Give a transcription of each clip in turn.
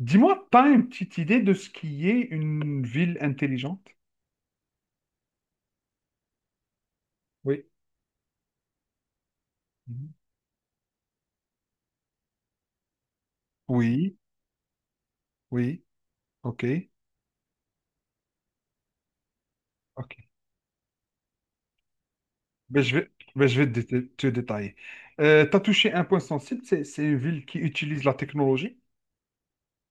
Dis-moi, pas une petite idée de ce qui est une ville intelligente? Oui. Mhm. Oui, oui, ok, ok. Ben, je vais te, dé- Te détailler. Tu as touché un point sensible, c'est une ville qui utilise la technologie.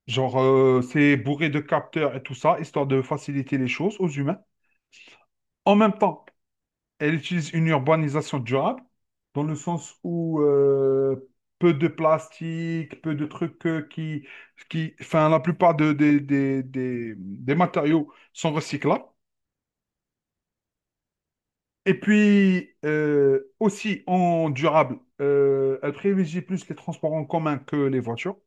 Genre, c'est bourré de capteurs et tout ça, histoire de faciliter les choses aux humains. En même temps, elle utilise une urbanisation durable, dans le sens où peu de plastique, peu de trucs enfin, la plupart de- des matériaux sont recyclables. Et puis, aussi en durable, elle privilégie plus les transports en commun que les voitures,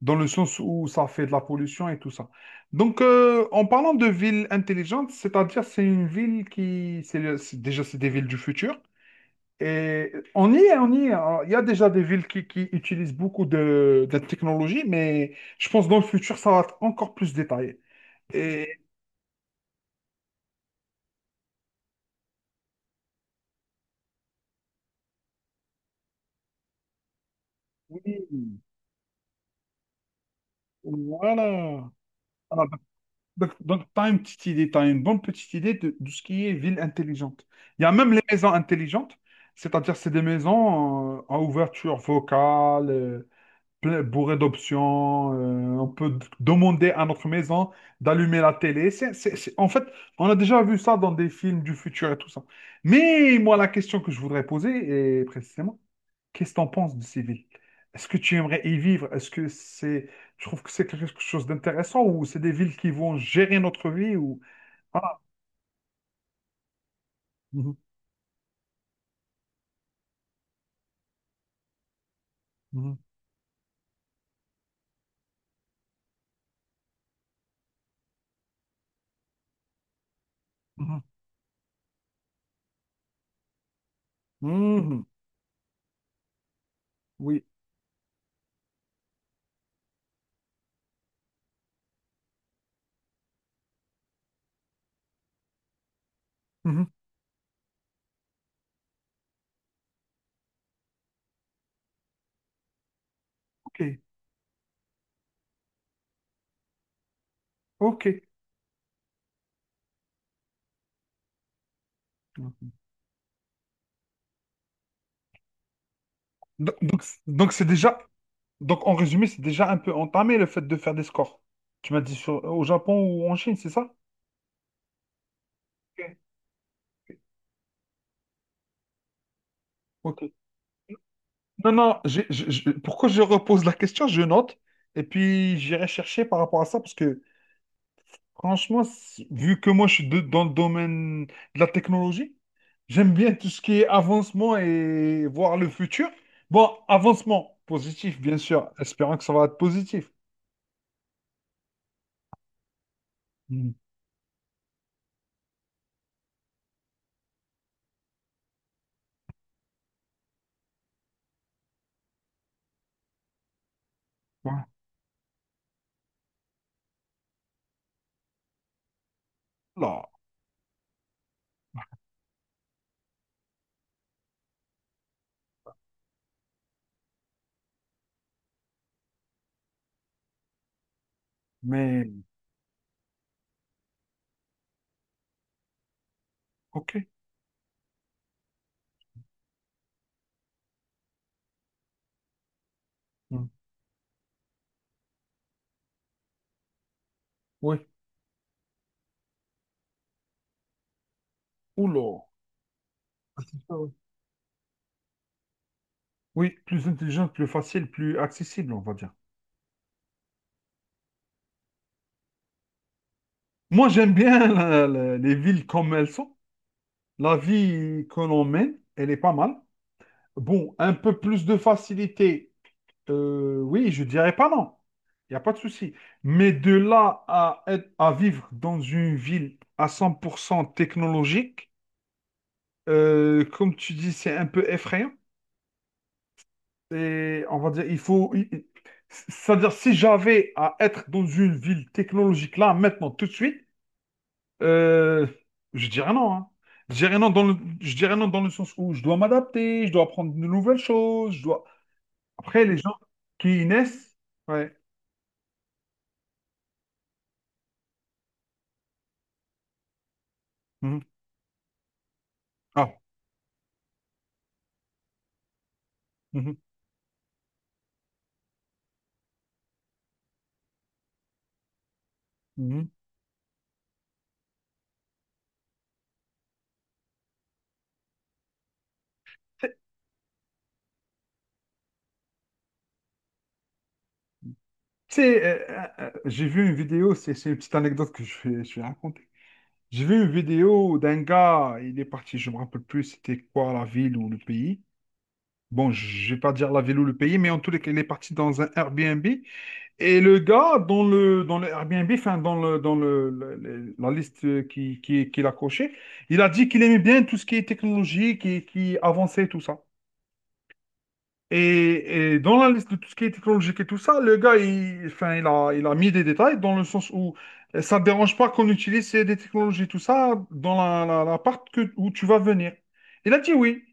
dans le sens où ça fait de la pollution et tout ça. Donc, en parlant de ville intelligente, c'est-à-dire c'est une ville qui, c'est le- c'est- déjà c'est des villes du futur. Et on y est. Alors, il y a déjà des villes qui utilisent beaucoup de technologie, mais je pense que dans le futur, ça va être encore plus détaillé. Et oui, voilà. Alors, donc, tu as une petite idée, tu as une bonne petite idée de ce qui est ville intelligente. Il y a même les maisons intelligentes, c'est-à-dire c'est des maisons à ouverture vocale, bourré d'options. On peut demander à notre maison d'allumer la télé. En fait, on a déjà vu ça dans des films du futur et tout ça. Mais moi, la question que je voudrais poser est précisément, qu'est-ce que tu en penses de ces villes? Est-ce que tu aimerais y vivre? Est-ce que c'est, tu trouves que c'est quelque chose d'intéressant ou c'est des villes qui vont gérer notre vie ou ah, mhm, mhm, mhm, mhm, oui, mhm, ok, ok. Donc, donc c'est déjà donc, en résumé, c'est déjà un peu entamé le fait de faire des scores. Tu m'as dit au Japon ou en Chine, c'est ça? Ok. Ok. Non, non, pourquoi je repose la question, je note, et puis j'irai chercher par rapport à ça, parce que franchement, vu que moi je suis dans le domaine de la technologie, j'aime bien tout ce qui est avancement et voir le futur. Bon, avancement positif, bien sûr, espérant que ça va être positif. Mm. Voilà. Mais, ok. Mm. Oui. Oula. Oui, plus intelligente, plus facile, plus accessible, on va dire. Moi, j'aime bien les villes comme elles sont. La vie que l'on mène, elle est pas mal. Bon, un peu plus de facilité, oui, je dirais pas non. Il n'y a pas de souci. Mais de là à, à vivre dans une ville à 100% technologique, comme tu dis, c'est un peu effrayant. Et on va dire, il faut... C'est-à-dire, si j'avais à être dans une ville technologique là, maintenant, tout de suite, Euh, je dirais non, hein. Je dirais non dans le, je dirais non dans le sens où je dois m'adapter, je dois apprendre de nouvelles choses, je dois... Après, les gens qui y naissent... Ouais. Mhm. Ah. Mhm. Mhm. Tu sais, j'ai vu une vidéo, c'est une petite anecdote que je vais raconter. J'ai vu une vidéo d'un gars, il est parti, je me rappelle plus c'était quoi la ville ou le pays. Bon, je vais pas dire la ville ou le pays, mais en tous les cas, il est parti dans un Airbnb. Et le gars, dans le Airbnb, enfin, dans le- la liste qu'il a cochée, il a dit qu'il aimait bien tout ce qui est technologique et qui avançait et tout ça. Et dans la liste de tout ce qui est technologique et tout ça, le gars, enfin, il a mis des détails dans le sens où ça ne dérange pas qu'on utilise des technologies, tout ça, dans l'appart que, où tu vas venir. Il a dit oui.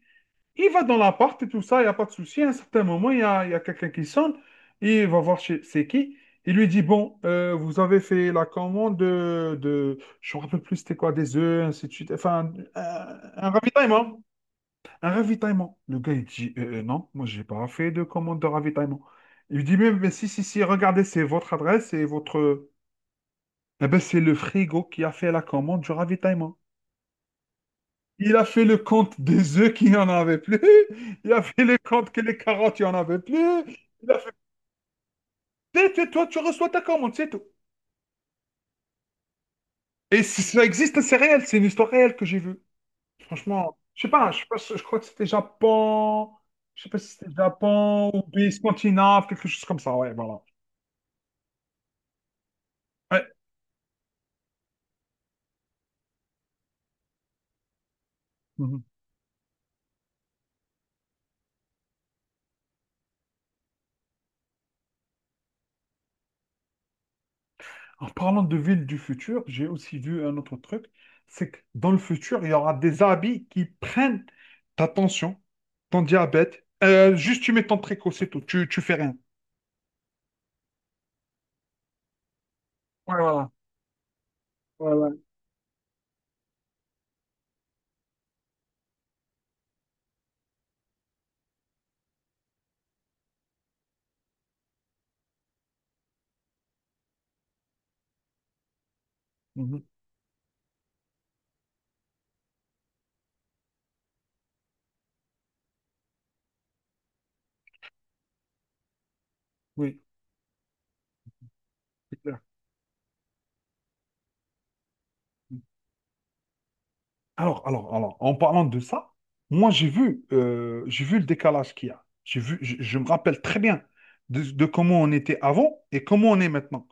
Il va dans l'appart et tout ça, il n'y a pas de souci. À un certain moment, il y a quelqu'un qui sonne. Il va voir c'est qui. Il lui dit, bon, vous avez fait la commande je ne me rappelle plus c'était quoi, des œufs, ainsi de suite. Enfin, un ravitaillement. Un ravitaillement. Le gars, il dit, non, moi, j'ai pas fait de commande de ravitaillement. Il lui dit, mais si, si, si, regardez, c'est votre adresse et votre... Eh ben, c'est le frigo qui a fait la commande du ravitaillement. Il a fait le compte des œufs qu'il n'y en avait plus. Il a fait le compte que les carottes, il n'y en avait plus. Il a fait, toi, tu reçois ta commande, c'est tout. Et si ça existe, c'est réel, c'est une histoire réelle que j'ai vue. Franchement, je sais pas, si, je crois que c'était Japon, je sais pas si c'était Japon ou pays scandinave, quelque chose comme ça, ouais, voilà. Ouais. Mhm. En parlant de villes du futur, j'ai aussi vu un autre truc, c'est que dans le futur, il y aura des habits qui prennent ta tension, ton diabète. Juste tu mets ton préco, c'est tout, tu fais rien. Ouais, voilà. Voilà. Mhm. Oui, c'est clair. Alors, en parlant de ça, moi j'ai vu le décalage qu'il y a. J'ai vu, je me rappelle très bien de comment on était avant et comment on est maintenant.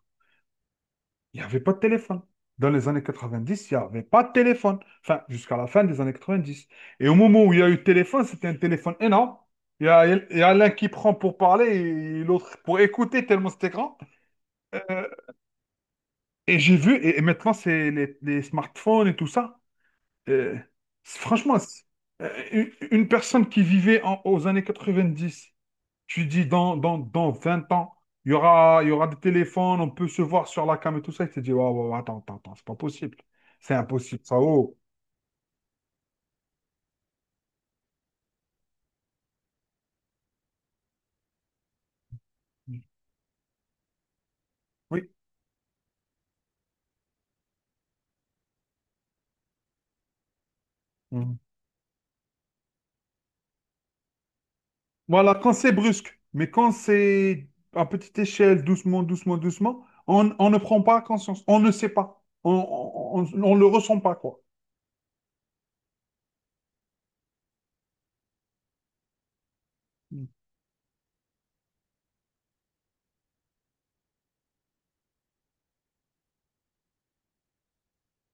Il n'y avait pas de téléphone. Dans les années 90, il n'y avait pas de téléphone. Enfin, jusqu'à la fin des années 90. Et au moment où il y a eu le téléphone, c'était un téléphone énorme. Il y a l'un qui prend pour parler et l'autre pour écouter, tellement c'était grand. Euh, et j'ai vu, et maintenant, c'est les smartphones et tout ça. Euh, Franchement, euh, une une personne qui vivait aux années 90, tu dis dans 20 ans, il y aura des téléphones, on peut se voir sur la cam et tout ça. Il Tu te dis, ouais, ouais, ouais, attends, attends, attends, c'est pas possible. C'est impossible, ça. Oh. Oui. Mhm. Voilà, quand c'est brusque, mais quand c'est à petite échelle, doucement, doucement, doucement, on ne prend pas conscience, on ne sait pas, on ne le ressent pas, quoi. Mm.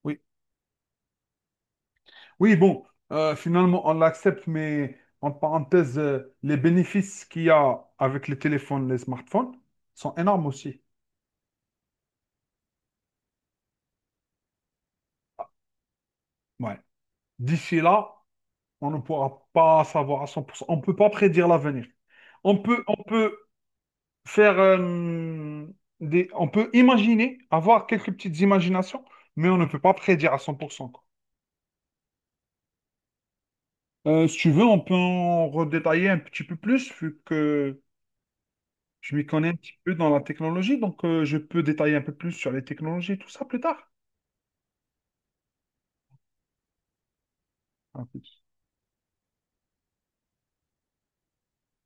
Oui, oui, bon, finalement, on l'accepte, mais en parenthèse, les bénéfices qu'il y a avec les téléphones, les smartphones sont énormes aussi. Ouais. D'ici là, on ne pourra pas savoir à 100%. On ne peut pas prédire l'avenir. On peut faire on peut imaginer, avoir quelques petites imaginations, mais on ne peut pas prédire à 100% quoi. Si tu veux, on peut en redétailler un petit peu plus, vu que je m'y connais un petit peu dans la technologie, donc je peux détailler un peu plus sur les technologies, tout ça plus tard. Un peu.